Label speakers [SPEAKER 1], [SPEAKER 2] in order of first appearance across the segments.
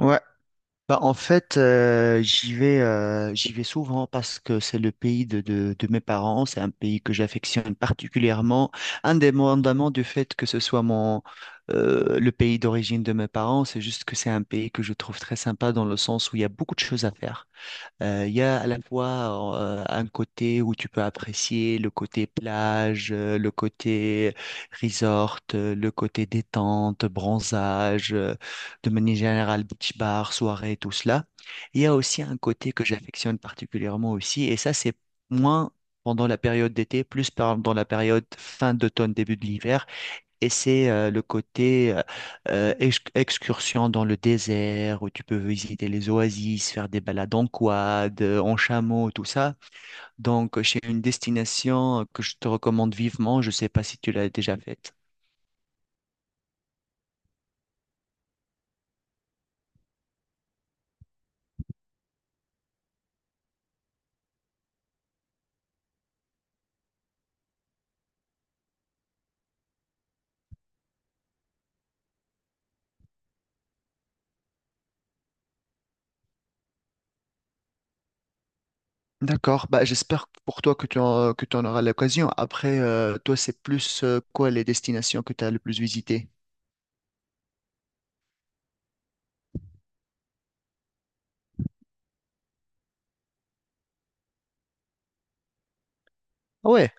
[SPEAKER 1] Ouais, bah en fait j'y vais souvent parce que c'est le pays de mes parents, c'est un pays que j'affectionne particulièrement, indépendamment du fait que ce soit mon le pays d'origine de mes parents, c'est juste que c'est un pays que je trouve très sympa dans le sens où il y a beaucoup de choses à faire. Il y a à la fois un côté où tu peux apprécier le côté plage, le côté resort, le côté détente, bronzage, de manière générale beach bar, soirée, tout cela. Il y a aussi un côté que j'affectionne particulièrement aussi, et ça c'est moins pendant la période d'été, plus pendant la période fin d'automne, début de l'hiver, et c'est le côté excursion dans le désert où tu peux visiter les oasis, faire des balades en quad, en chameau, tout ça. Donc, c'est une destination que je te recommande vivement. Je ne sais pas si tu l'as déjà faite. D'accord, bah, j'espère pour toi que que tu en auras l'occasion. Après, toi, c'est plus quoi les destinations que tu as le plus visitées? Ah ouais,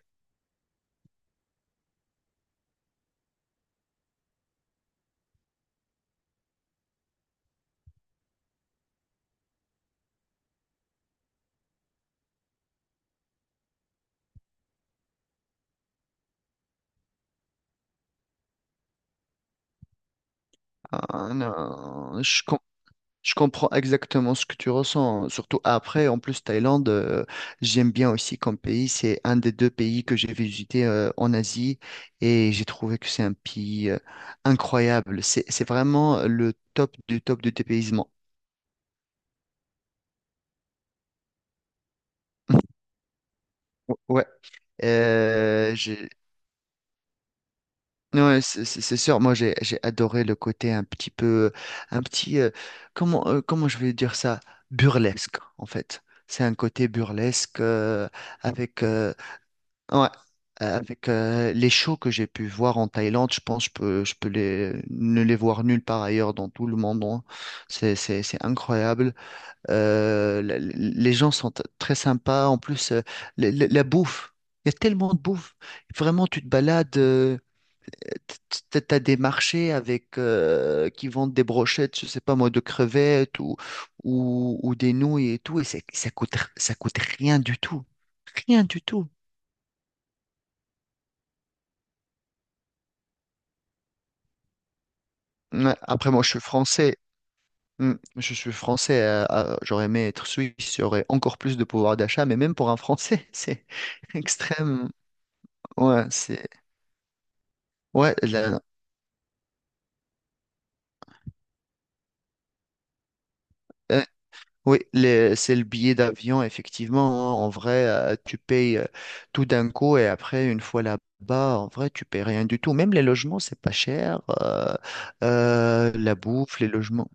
[SPEAKER 1] non, je comprends exactement ce que tu ressens, hein. Surtout après. En plus, Thaïlande, j'aime bien aussi comme pays. C'est un des deux pays que j'ai visité en Asie et j'ai trouvé que c'est un pays incroyable. C'est vraiment le top du dépaysement. Ou- Ouais, euh, j'ai- ouais, c'est sûr. Moi, j'ai adoré le côté un petit peu, un petit, comment je vais dire ça, burlesque en fait. C'est un côté burlesque avec. Ouais. Avec les shows que j'ai pu voir en Thaïlande, je pense que je peux ne les voir nulle part ailleurs dans tout le monde, hein. C'est incroyable. Les gens sont très sympas. En plus, la bouffe, il y a tellement de bouffe. Vraiment, tu te balades, t'as des marchés avec, qui vendent des brochettes, je sais pas moi, de crevettes ou des nouilles et tout. Et ça coûte rien du tout. Rien du tout. Ouais. Après, moi, je suis français. Mm. Je suis français. J'aurais aimé être suisse. J'aurais encore plus de pouvoir d'achat. Mais même pour un Français, c'est extrême. Ouais, c'est. Ouais, la- euh, oui, c'est le billet d'avion, effectivement, hein. En vrai, tu payes tout d'un coup et après, une fois là-bas, en vrai, tu payes rien du tout. Même les logements, c'est pas cher. La bouffe, les logements.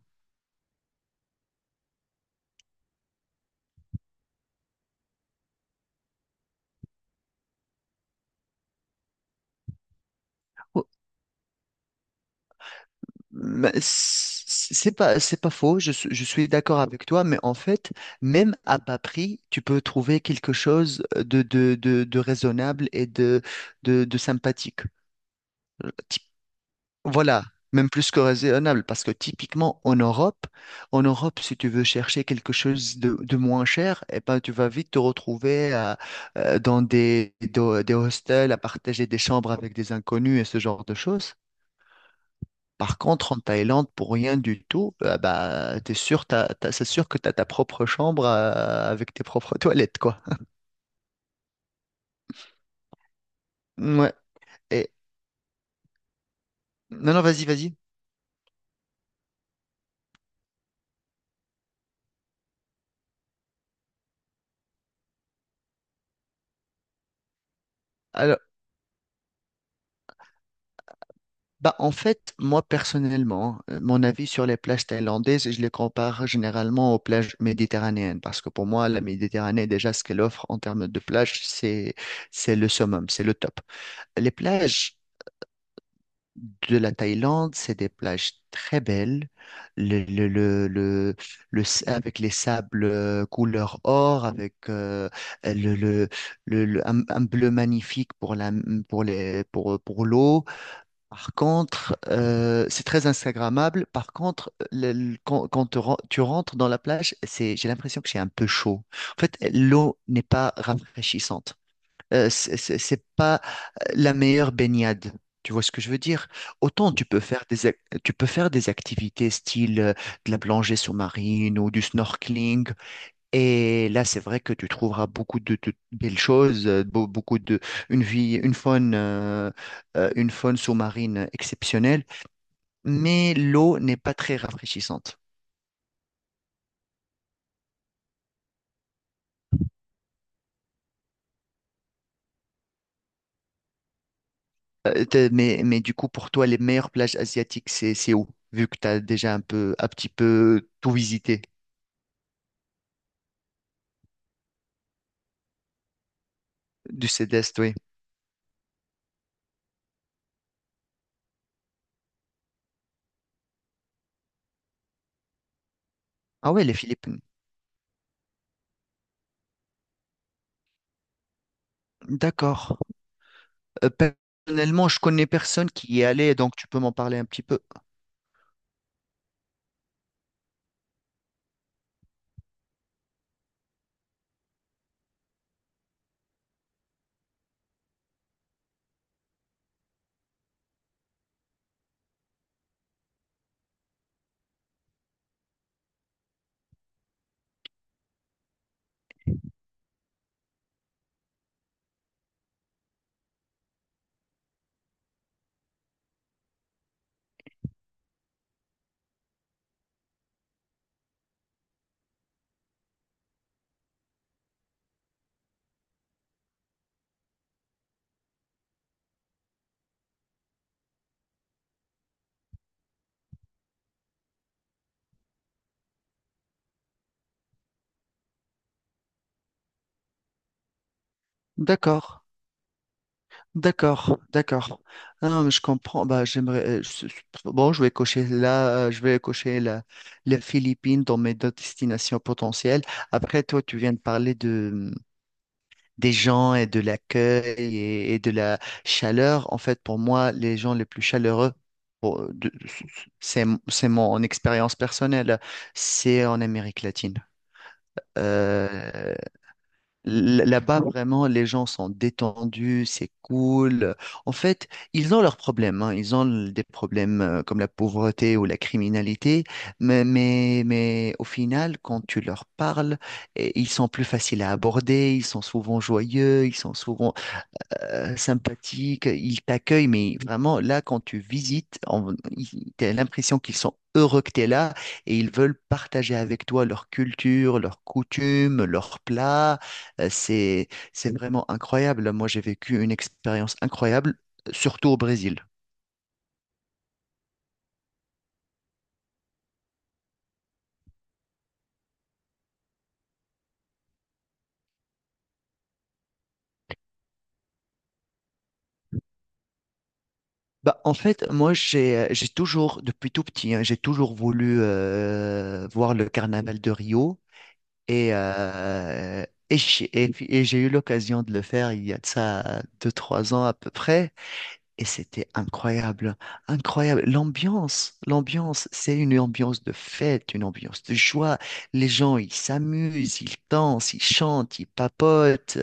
[SPEAKER 1] Mais c- C'est pas, je suis d'accord avec toi, mais en fait, même à bas prix, tu peux trouver quelque chose de raisonnable et de sympathique. Euh, typ- Voilà, même plus que raisonnable, parce que typiquement en Europe, si tu veux chercher quelque chose de moins cher, eh ben, tu vas vite te retrouver dans des hostels, à partager des chambres avec des inconnus et ce genre de choses. Par contre, en Thaïlande, pour rien du tout, bah, t'es sûr, t'as- t'as- c'est sûr que tu as ta propre chambre avec tes propres toilettes, quoi. Ouais. Et... Non, non, vas-y, vas-y. Alors, bah, en fait, moi, personnellement, mon avis sur les plages thaïlandaises, je les compare généralement aux plages méditerranéennes, parce que pour moi, la Méditerranée, déjà, ce qu'elle offre en termes de plages, c'est le summum, c'est le top. Les plages de la Thaïlande, c'est des plages très belles, le, le, le, le, avec les sables couleur or, avec le, le, un bleu magnifique pour pour l'eau. Par contre, c'est très instagrammable. Par contre, quand tu rentres dans la plage, c'est, j'ai l'impression que c'est un peu chaud. En fait, l'eau n'est pas rafraîchissante c'est pas la meilleure baignade. Tu vois ce que je veux dire? Autant tu peux faire des, ac- Tu peux faire des activités style de la plongée sous-marine ou du snorkeling. Et là, c'est vrai que tu trouveras beaucoup de belles choses, beaucoup de, une vie, une faune sous-marine exceptionnelle. Mais l'eau n'est pas très rafraîchissante. Mais du coup, pour toi, les meilleures plages asiatiques, c'est où? Vu que tu as déjà un peu, un petit peu tout visité. Du sud-est, oui. Ah ouais, les Philippines. D'accord. Personnellement, je connais personne qui y est allé, donc tu peux m'en parler un petit peu. D'accord. D'accord, d'accord. Ah non, mais je comprends. Bah, j'aimerais. Bon, je vais cocher là, je vais cocher la, les Philippines dans mes deux destinations potentielles. Après, toi, tu viens de parler de des gens et de l'accueil et de la chaleur. En fait, pour moi, les gens les plus chaleureux, pour- de- c'est mon expérience personnelle, c'est en Amérique latine. Euh, Là-bas, vraiment, les gens sont détendus, c'est cool. En fait, ils ont leurs problèmes, hein. Ils ont des problèmes comme la pauvreté ou la criminalité, mais au final, quand tu leur parles, eh, ils sont plus faciles à aborder, ils sont souvent joyeux, ils sont souvent sympathiques, ils t'accueillent, mais vraiment, là, quand tu visites, t'as l'impression qu'ils sont heureux que tu es là et ils veulent partager avec toi leur culture, leurs coutumes, leurs plats. C'est vraiment incroyable. Moi, j'ai vécu une expérience incroyable, surtout au Brésil. Bah, en fait, moi, j'ai toujours, depuis tout petit, hein, j'ai toujours voulu voir le carnaval de Rio. Et, et j'ai eu l'occasion de le faire il y a de ça deux, trois ans à peu près. Et c'était incroyable, incroyable. L'ambiance, c'est une ambiance de fête, une ambiance de joie. Les gens, ils s'amusent, ils dansent, ils chantent, ils papotent.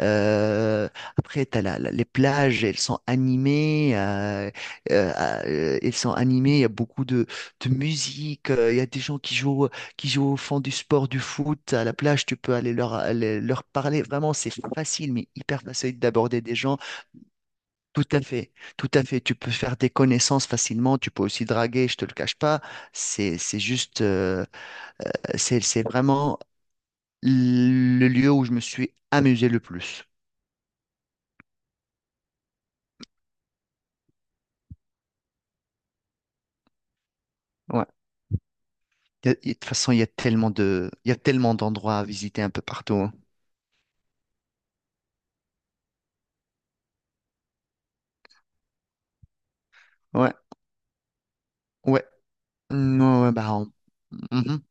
[SPEAKER 1] Euh, Après, les plages, elles sont animées. Euh, Elles sont animées, il y a beaucoup de musique. Il y a des gens qui jouent au fond du sport, du foot. À la plage, tu peux aller leur parler. Vraiment, c'est facile, mais hyper facile d'aborder des gens. Tout à fait, tout à fait. Tu peux faire des connaissances facilement, tu peux aussi draguer, je te le cache pas. C'est, c'est juste, euh, c'est vraiment le lieu où je me suis amusé le plus. Ouais. De toute façon, il y a tellement de, il y a tellement d'endroits à visiter un peu partout, hein. Ouais. Mmh, ouais. Non, ouais, bah, on- Mhm.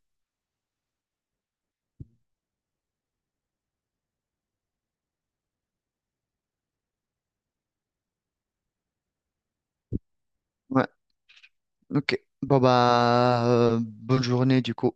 [SPEAKER 1] Ouais, ok. Bon, bah, bonne journée du coup.